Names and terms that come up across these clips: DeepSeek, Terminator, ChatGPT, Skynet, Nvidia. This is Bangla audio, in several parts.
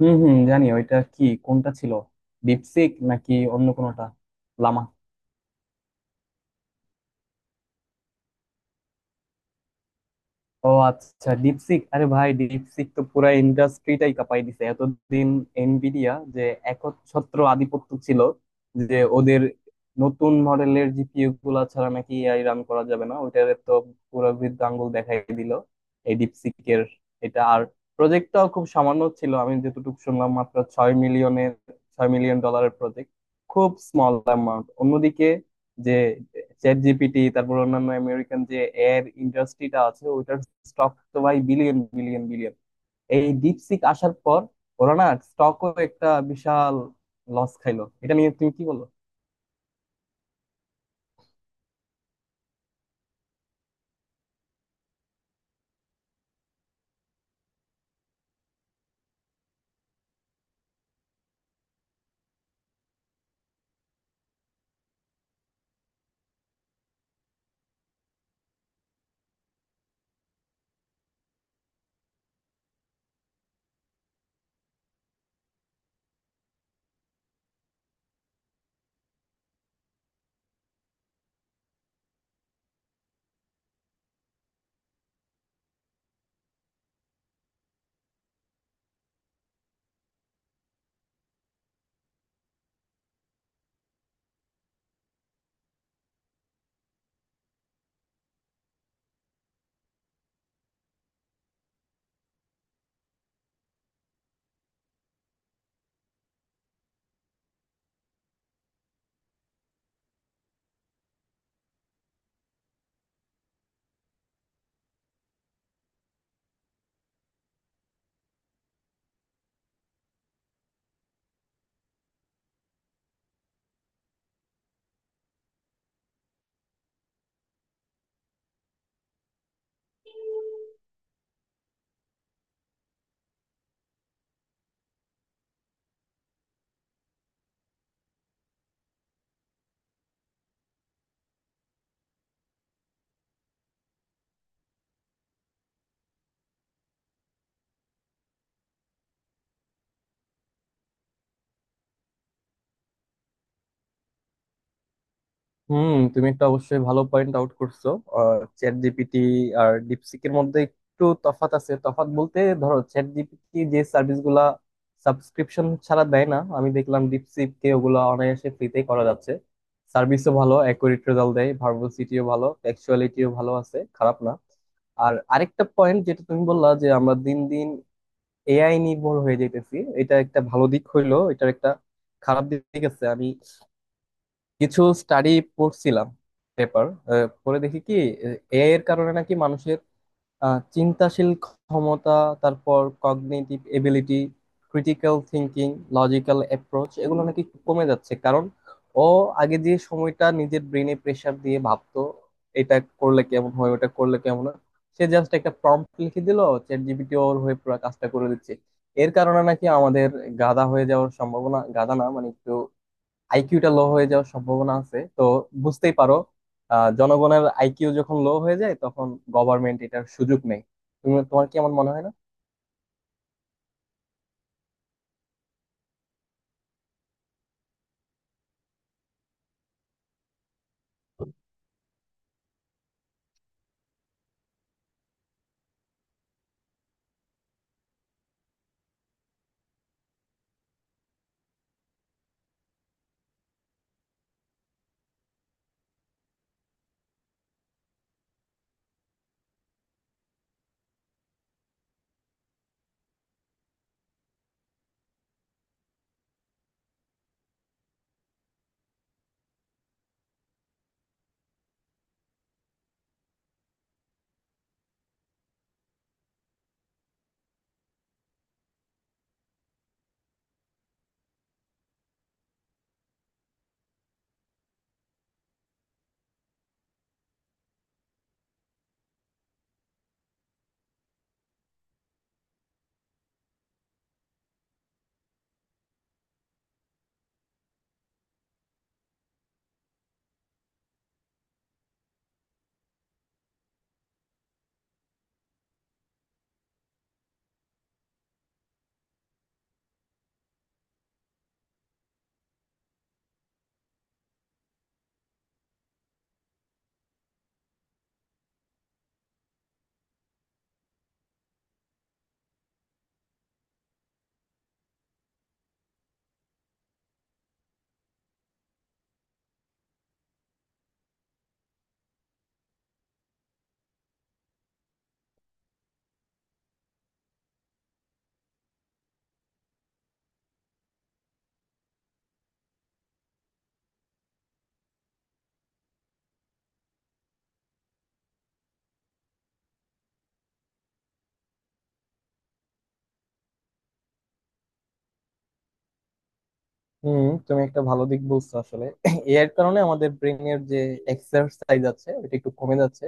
হুম হুম, জানি। ওইটা কি, কোনটা ছিল? ডিপসিক নাকি অন্য কোনোটা? লামা? ও আচ্ছা, ডিপসিক। আরে ভাই, ডিপসিক তো পুরা ইন্ডাস্ট্রিটাই কাঁপাই দিছে এতদিন। এনভিডিয়া যে একচ্ছত্র আধিপত্য ছিল, যে ওদের নতুন মডেলের জিপিইউ গুলা ছাড়া নাকি এআই রান করা যাবে না, ওইটার তো পুরো বৃদ্ধ আঙ্গুল দেখাই দিল এই ডিপসিকের। এটা আর প্রজেক্টটাও খুব সামান্য ছিল, আমি যতটুকু শুনলাম মাত্র 6 মিলিয়নের, 6 মিলিয়ন ডলারের প্রজেক্ট, খুব স্মল অ্যামাউন্ট। অন্যদিকে যে চ্যাট জিপিটি, তারপর অন্যান্য আমেরিকান যে এর ইন্ডাস্ট্রিটা আছে, ওইটার স্টক তো ভাই বিলিয়ন বিলিয়ন বিলিয়ন। এই ডিপসিক আসার পর ওরা না স্টকও একটা বিশাল লস খাইলো। এটা নিয়ে তুমি কি বলো? হুম, তুমি একটা অবশ্যই ভালো পয়েন্ট আউট করছো। চ্যাট জিপিটি আর ডিপসিকের মধ্যে একটু তফাৎ আছে। তফাৎ বলতে, ধরো চ্যাট জিপিটি যে সার্ভিস গুলা সাবস্ক্রিপশন ছাড়া দেয় না, আমি দেখলাম ডিপসিক কে ওগুলা অনায়াসে ফ্রিতে করা যাচ্ছে। সার্ভিসও ভালো, অ্যাকুরেট রেজাল্ট দেয়, ভার্বোসিটিও ভালো, টেক্সচুয়ালিটিও ভালো আছে, খারাপ না। আর আরেকটা পয়েন্ট যেটা তুমি বললা, যে আমরা দিন দিন এআই নির্ভর হয়ে যাইতেছি, এটা একটা ভালো দিক হইলো। এটার একটা খারাপ দিক আছে। আমি কিছু স্টাডি পড়ছিলাম, পেপার, পরে দেখি কি এআই এর কারণে নাকি মানুষের চিন্তাশীল ক্ষমতা, তারপর cognitive ability, critical thinking, logical approach এগুলো নাকি কমে যাচ্ছে। কারণ ও আগে যে সময়টা নিজের ব্রেনে প্রেসার দিয়ে ভাবতো, এটা করলে কেমন হয় ওটা করলে কেমন হয়, সে জাস্ট একটা প্রম্পট লিখে দিল, চ্যাট জিপিটি ওর হয়ে পুরো কাজটা করে দিচ্ছে। এর কারণে নাকি আমাদের গাধা হয়ে যাওয়ার সম্ভাবনা, গাধা না মানে একটু আইকিউটা লো হয়ে যাওয়ার সম্ভাবনা আছে তো। বুঝতেই পারো। জনগণের আইকিউ যখন লো হয়ে যায় তখন গভর্নমেন্ট এটার সুযোগ নেই। তুমি তোমার কি এমন মনে হয় না? হুম, তুমি একটা ভালো দিক বলছো আসলে। এর কারণে আমাদের ব্রেনের যে এক্সারসাইজ আছে ওটা একটু কমে যাচ্ছে।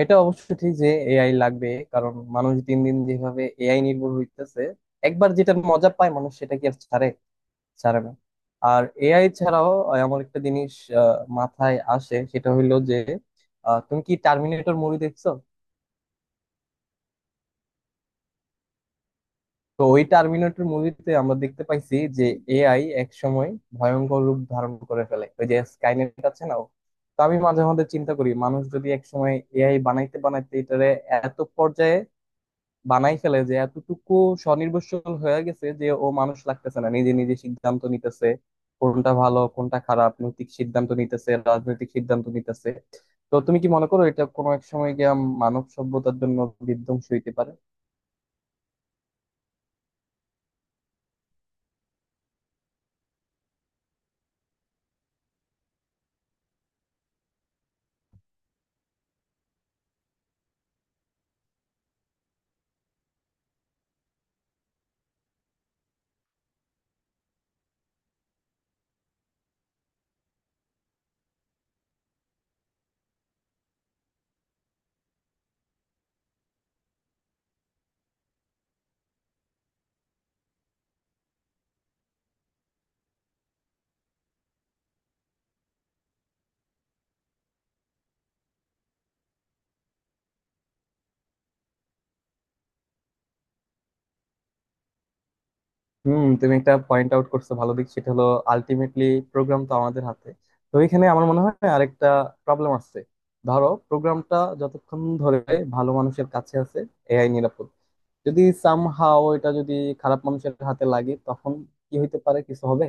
এটা অবশ্য ঠিক যে এআই লাগবে, কারণ মানুষ দিন দিন যেভাবে এআই নির্ভর হইতেছে, একবার যেটা মজা পায় মানুষ সেটা কি আর ছাড়ে? ছাড়বে? আর এআই ছাড়াও আমার একটা জিনিস মাথায় আসে, সেটা হইলো যে, তুমি কি টার্মিনেটর মুভি দেখছো? তো ওই টার্মিনেটর মুভিতে আমরা দেখতে পাইছি যে এআই এক সময় ভয়ঙ্কর রূপ ধারণ করে ফেলে, ওই যে স্কাইনেট আছে না ও। তো আমি মাঝে মধ্যে চিন্তা করি, মানুষ যদি এক সময় এআই বানাইতে বানাইতে এটারে এত পর্যায়ে বানাই ফেলে যে এতটুকু স্বনির্ভরশীল হয়ে গেছে যে ও মানুষ লাগতেছে না, নিজে নিজে সিদ্ধান্ত নিতেছে কোনটা ভালো কোনটা খারাপ, নৈতিক সিদ্ধান্ত নিতেছে, রাজনৈতিক সিদ্ধান্ত নিতেছে। তো তুমি কি মনে করো এটা কোনো এক সময় গিয়ে মানব সভ্যতার জন্য বিধ্বংসী হইতে পারে? হুম, তুমি একটা পয়েন্ট আউট করছো ভালো দিক, সেটা হলো আলটিমেটলি প্রোগ্রাম তো আমাদের হাতে। তো এখানে আমার মনে হয় আরেকটা প্রবলেম আছে। ধরো প্রোগ্রামটা যতক্ষণ ধরে ভালো মানুষের কাছে আছে এআই নিরাপদ। যদি সামহাও এটা যদি খারাপ মানুষের হাতে লাগে তখন কি হইতে পারে? কিছু হবে?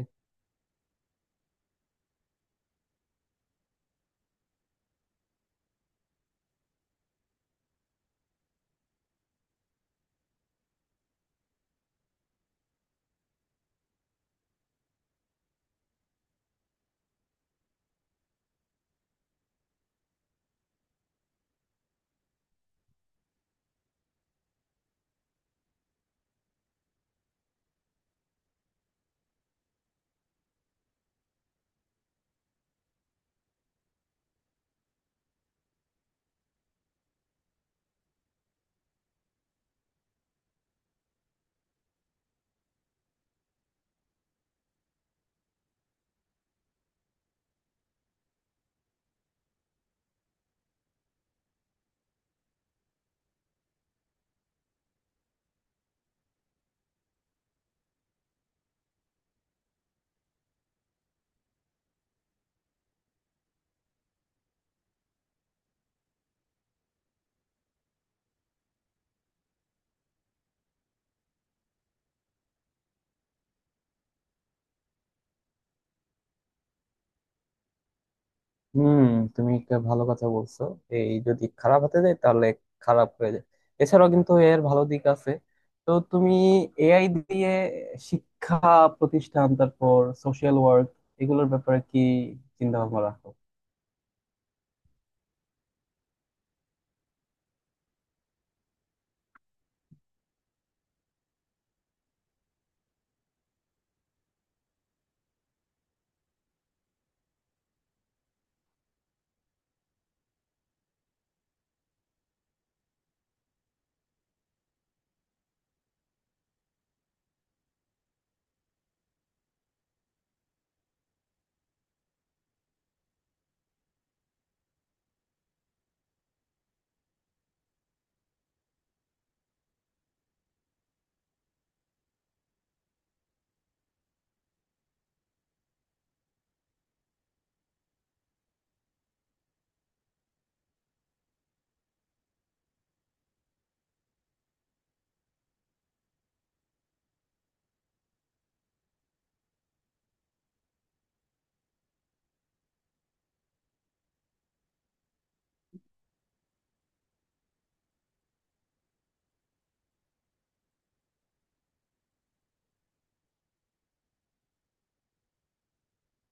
হুম, তুমি একটা ভালো কথা বলছো। এই যদি খারাপ হতে যায় তাহলে খারাপ হয়ে যায়। এছাড়াও কিন্তু এর ভালো দিক আছে। তো তুমি এআই দিয়ে শিক্ষা প্রতিষ্ঠান, তারপর সোশ্যাল ওয়ার্ক, এগুলোর ব্যাপারে কি চিন্তা ভাবনা রাখো?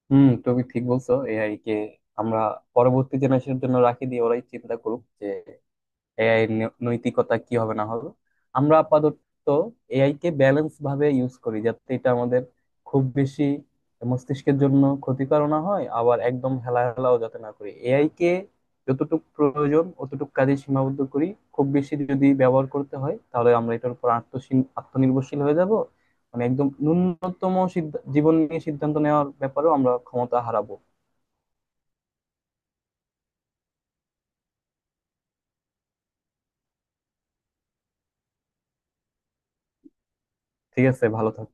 হুম, তুমি ঠিক বলছো। এআই কে আমরা পরবর্তী জেনারেশনের জন্য রাখি দিয়ে, ওরাই চিন্তা করুক এআই এর নৈতিকতা কি হবে না হবে। আমরা আপাতত এআই কে ব্যালেন্স ভাবে ইউজ করি যাতে এটা আমাদের খুব বেশি মস্তিষ্কের জন্য ক্ষতিকর না হয়, আবার একদম হেলাহেলাও যাতে না করি এআই কে। যতটুকু প্রয়োজন অতটুকু কাজে সীমাবদ্ধ করি। খুব বেশি যদি ব্যবহার করতে হয় তাহলে আমরা এটার উপর আত্মনির্ভরশীল হয়ে যাব। মানে একদম ন্যূনতম জীবন নিয়ে সিদ্ধান্ত নেওয়ার ব্যাপারেও আমরা ক্ষমতা হারাবো। ঠিক আছে, ভালো থাকো।